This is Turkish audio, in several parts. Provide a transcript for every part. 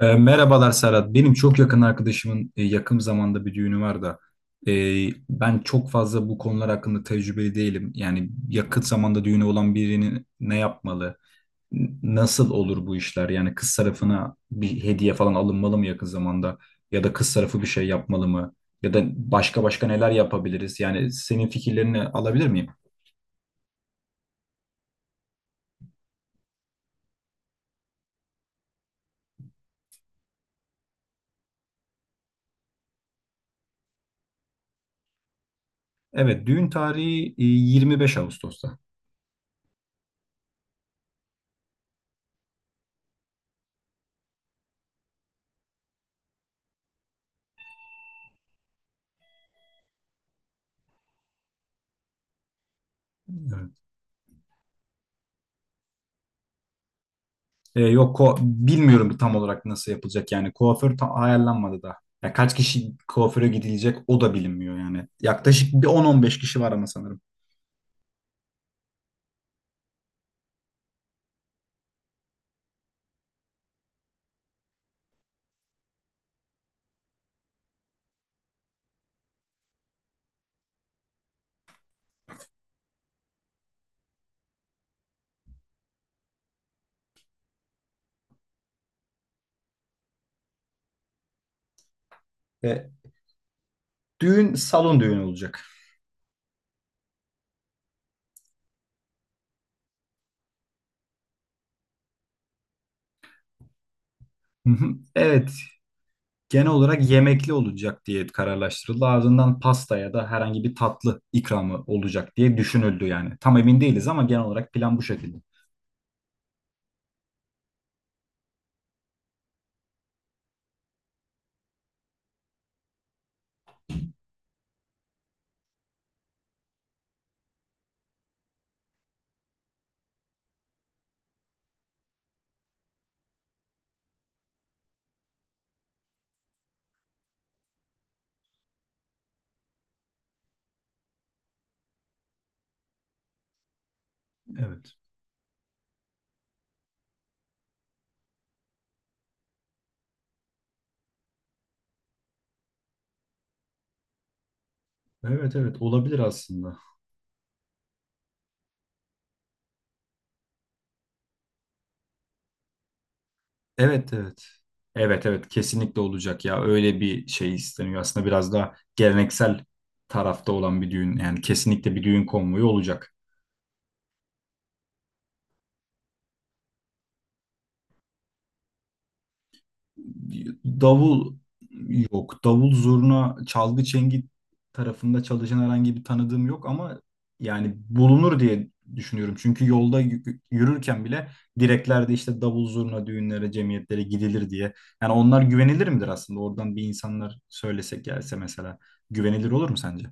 Merhabalar Serhat. Benim çok yakın arkadaşımın yakın zamanda bir düğünü var da e, ben çok fazla bu konular hakkında tecrübeli değilim. Yani yakın zamanda düğünü olan birinin ne yapmalı? Nasıl olur bu işler? Yani kız tarafına bir hediye falan alınmalı mı yakın zamanda? Ya da kız tarafı bir şey yapmalı mı? Ya da başka başka neler yapabiliriz? Yani senin fikirlerini alabilir miyim? Evet, düğün tarihi 25 Ağustos'ta. Evet. Yok, bilmiyorum tam olarak nasıl yapılacak yani kuaför tam ayarlanmadı da. Ya kaç kişi kuaföre gidilecek o da bilinmiyor yani. Yaklaşık bir 10-15 kişi var ama sanırım. Ve düğün salon düğünü olacak. Hı hı. Evet, genel olarak yemekli olacak diye kararlaştırıldı. Ardından pasta ya da herhangi bir tatlı ikramı olacak diye düşünüldü yani. Tam emin değiliz ama genel olarak plan bu şekilde. Evet. Evet, evet olabilir aslında. Evet, evet. Evet, evet kesinlikle olacak ya. Öyle bir şey isteniyor. Aslında biraz daha geleneksel tarafta olan bir düğün. Yani kesinlikle bir düğün konvoyu olacak. Davul yok. Davul zurna, çalgı çengi tarafında çalışan herhangi bir tanıdığım yok ama yani bulunur diye düşünüyorum. Çünkü yolda yürürken bile direklerde işte davul zurna düğünlere, cemiyetlere gidilir diye. Yani onlar güvenilir midir aslında? Oradan bir insanlar söylesek gelse mesela güvenilir olur mu sence?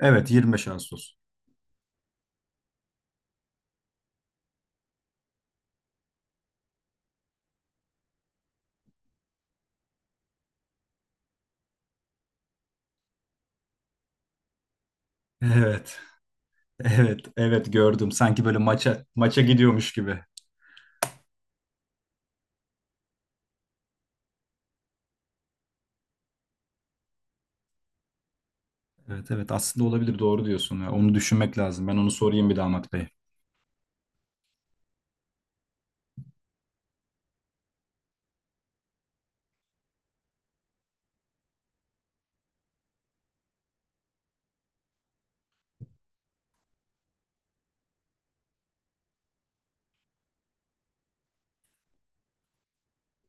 Evet, 25 Ağustos. Evet. Evet. Evet gördüm. Sanki böyle maça maça gidiyormuş gibi. Evet, evet aslında olabilir, doğru diyorsun ya. Onu düşünmek lazım. Ben onu sorayım bir damat bey.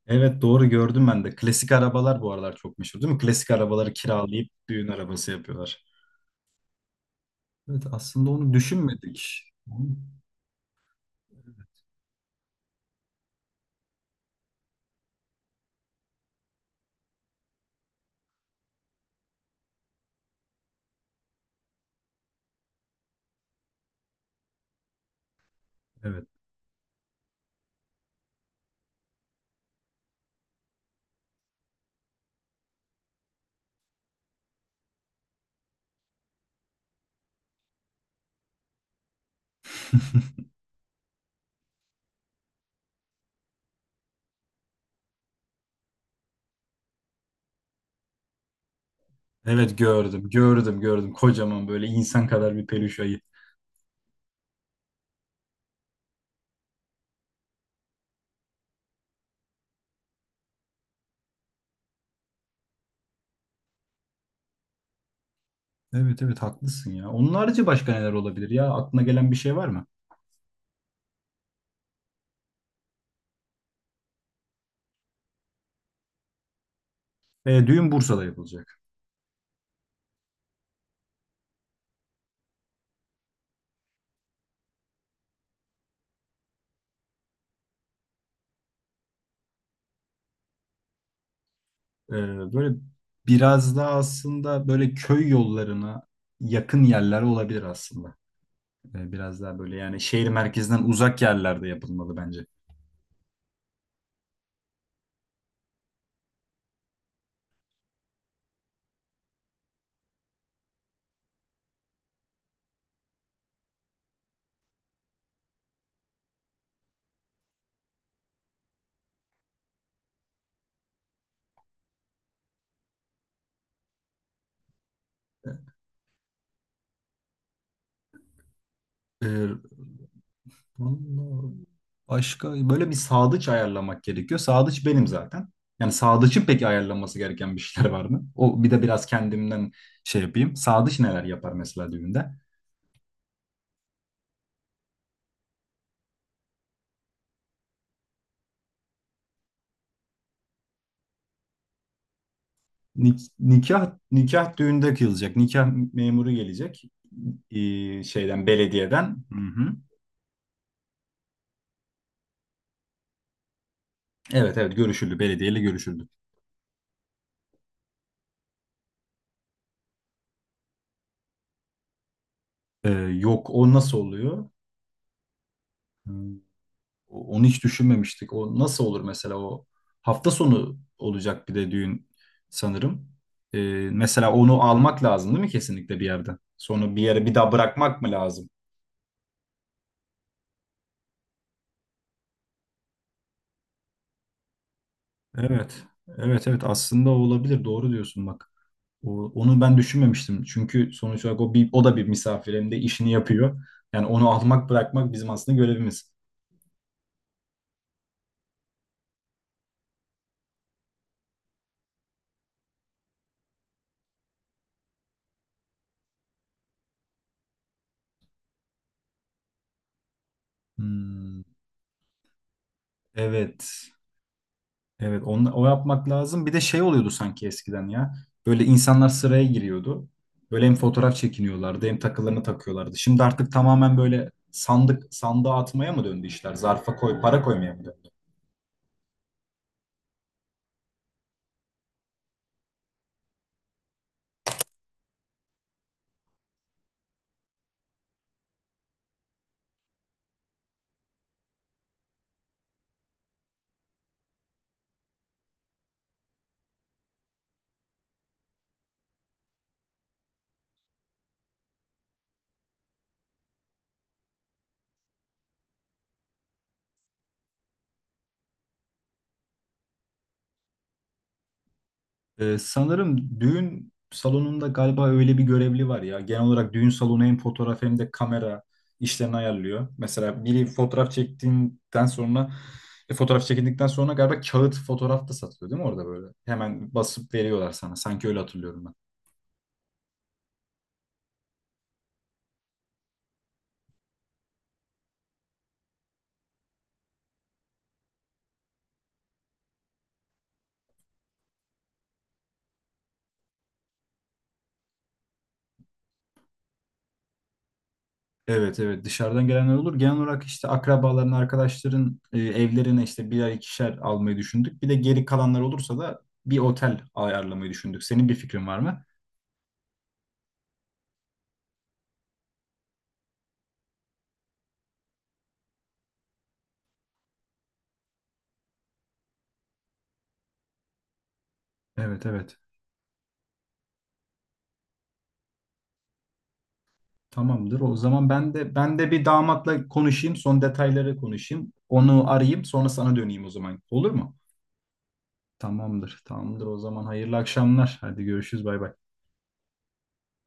Evet, doğru gördüm ben de. Klasik arabalar bu aralar çok meşhur değil mi? Klasik arabaları kiralayıp düğün arabası yapıyorlar. Evet, aslında onu düşünmedik. Evet. Evet gördüm, gördüm, gördüm. Kocaman böyle insan kadar bir peluş ayı. Evet, evet haklısın ya. Onun harici başka neler olabilir ya? Aklına gelen bir şey var mı? Düğün Bursa'da yapılacak. Ee, Böyle biraz daha aslında böyle köy yollarına yakın yerler olabilir aslında. Biraz daha böyle yani şehir merkezinden uzak yerlerde yapılmalı bence. Ee, Vallahi başka böyle bir sağdıç ayarlamak gerekiyor. Sağdıç benim zaten. Yani sağdıçın peki ayarlanması gereken bir şeyler var mı? O bir de biraz kendimden şey yapayım. Sağdıç neler yapar mesela düğünde? Nikah nikah düğünde kıyılacak. Nikah memuru gelecek. Şeyden, belediyeden. Hı hı. Evet, evet görüşüldü. Belediyeyle görüşüldü. Yok, o nasıl oluyor? Hmm, Onu hiç düşünmemiştik. O nasıl olur mesela, o hafta sonu olacak bir de düğün sanırım. Mesela onu almak lazım değil mi kesinlikle bir yerden? Sonra bir yere bir daha bırakmak mı lazım? Evet. Evet, evet aslında o olabilir. Doğru diyorsun bak. Onu ben düşünmemiştim. Çünkü sonuç olarak o bir, o da bir misafir hem de işini yapıyor. Yani onu almak bırakmak bizim aslında görevimiz. Hmm, evet. Evet, onu, o yapmak lazım. Bir de şey oluyordu sanki eskiden ya. Böyle insanlar sıraya giriyordu. Böyle hem fotoğraf çekiniyorlardı hem takılarını takıyorlardı. Şimdi artık tamamen böyle sandık sandığa atmaya mı döndü işler? Zarfa koy, para koymaya mı döndü? Sanırım düğün salonunda galiba öyle bir görevli var ya. Genel olarak düğün salonu hem fotoğraf hem de kamera işlerini ayarlıyor. Mesela biri fotoğraf çektiğinden sonra fotoğraf çekindikten sonra galiba kağıt fotoğraf da satılıyor değil mi orada böyle? Hemen basıp veriyorlar sana. Sanki öyle hatırlıyorum ben. Evet, evet dışarıdan gelenler olur. Genel olarak işte akrabaların, arkadaşların evlerine işte birer ikişer almayı düşündük. Bir de geri kalanlar olursa da bir otel ayarlamayı düşündük. Senin bir fikrin var mı? Evet, evet. Tamamdır. O zaman ben de bir damatla konuşayım, son detayları konuşayım. Onu arayayım, sonra sana döneyim o zaman. Olur mu? Tamamdır. Tamamdır. O zaman hayırlı akşamlar. Hadi görüşürüz. Bay bay.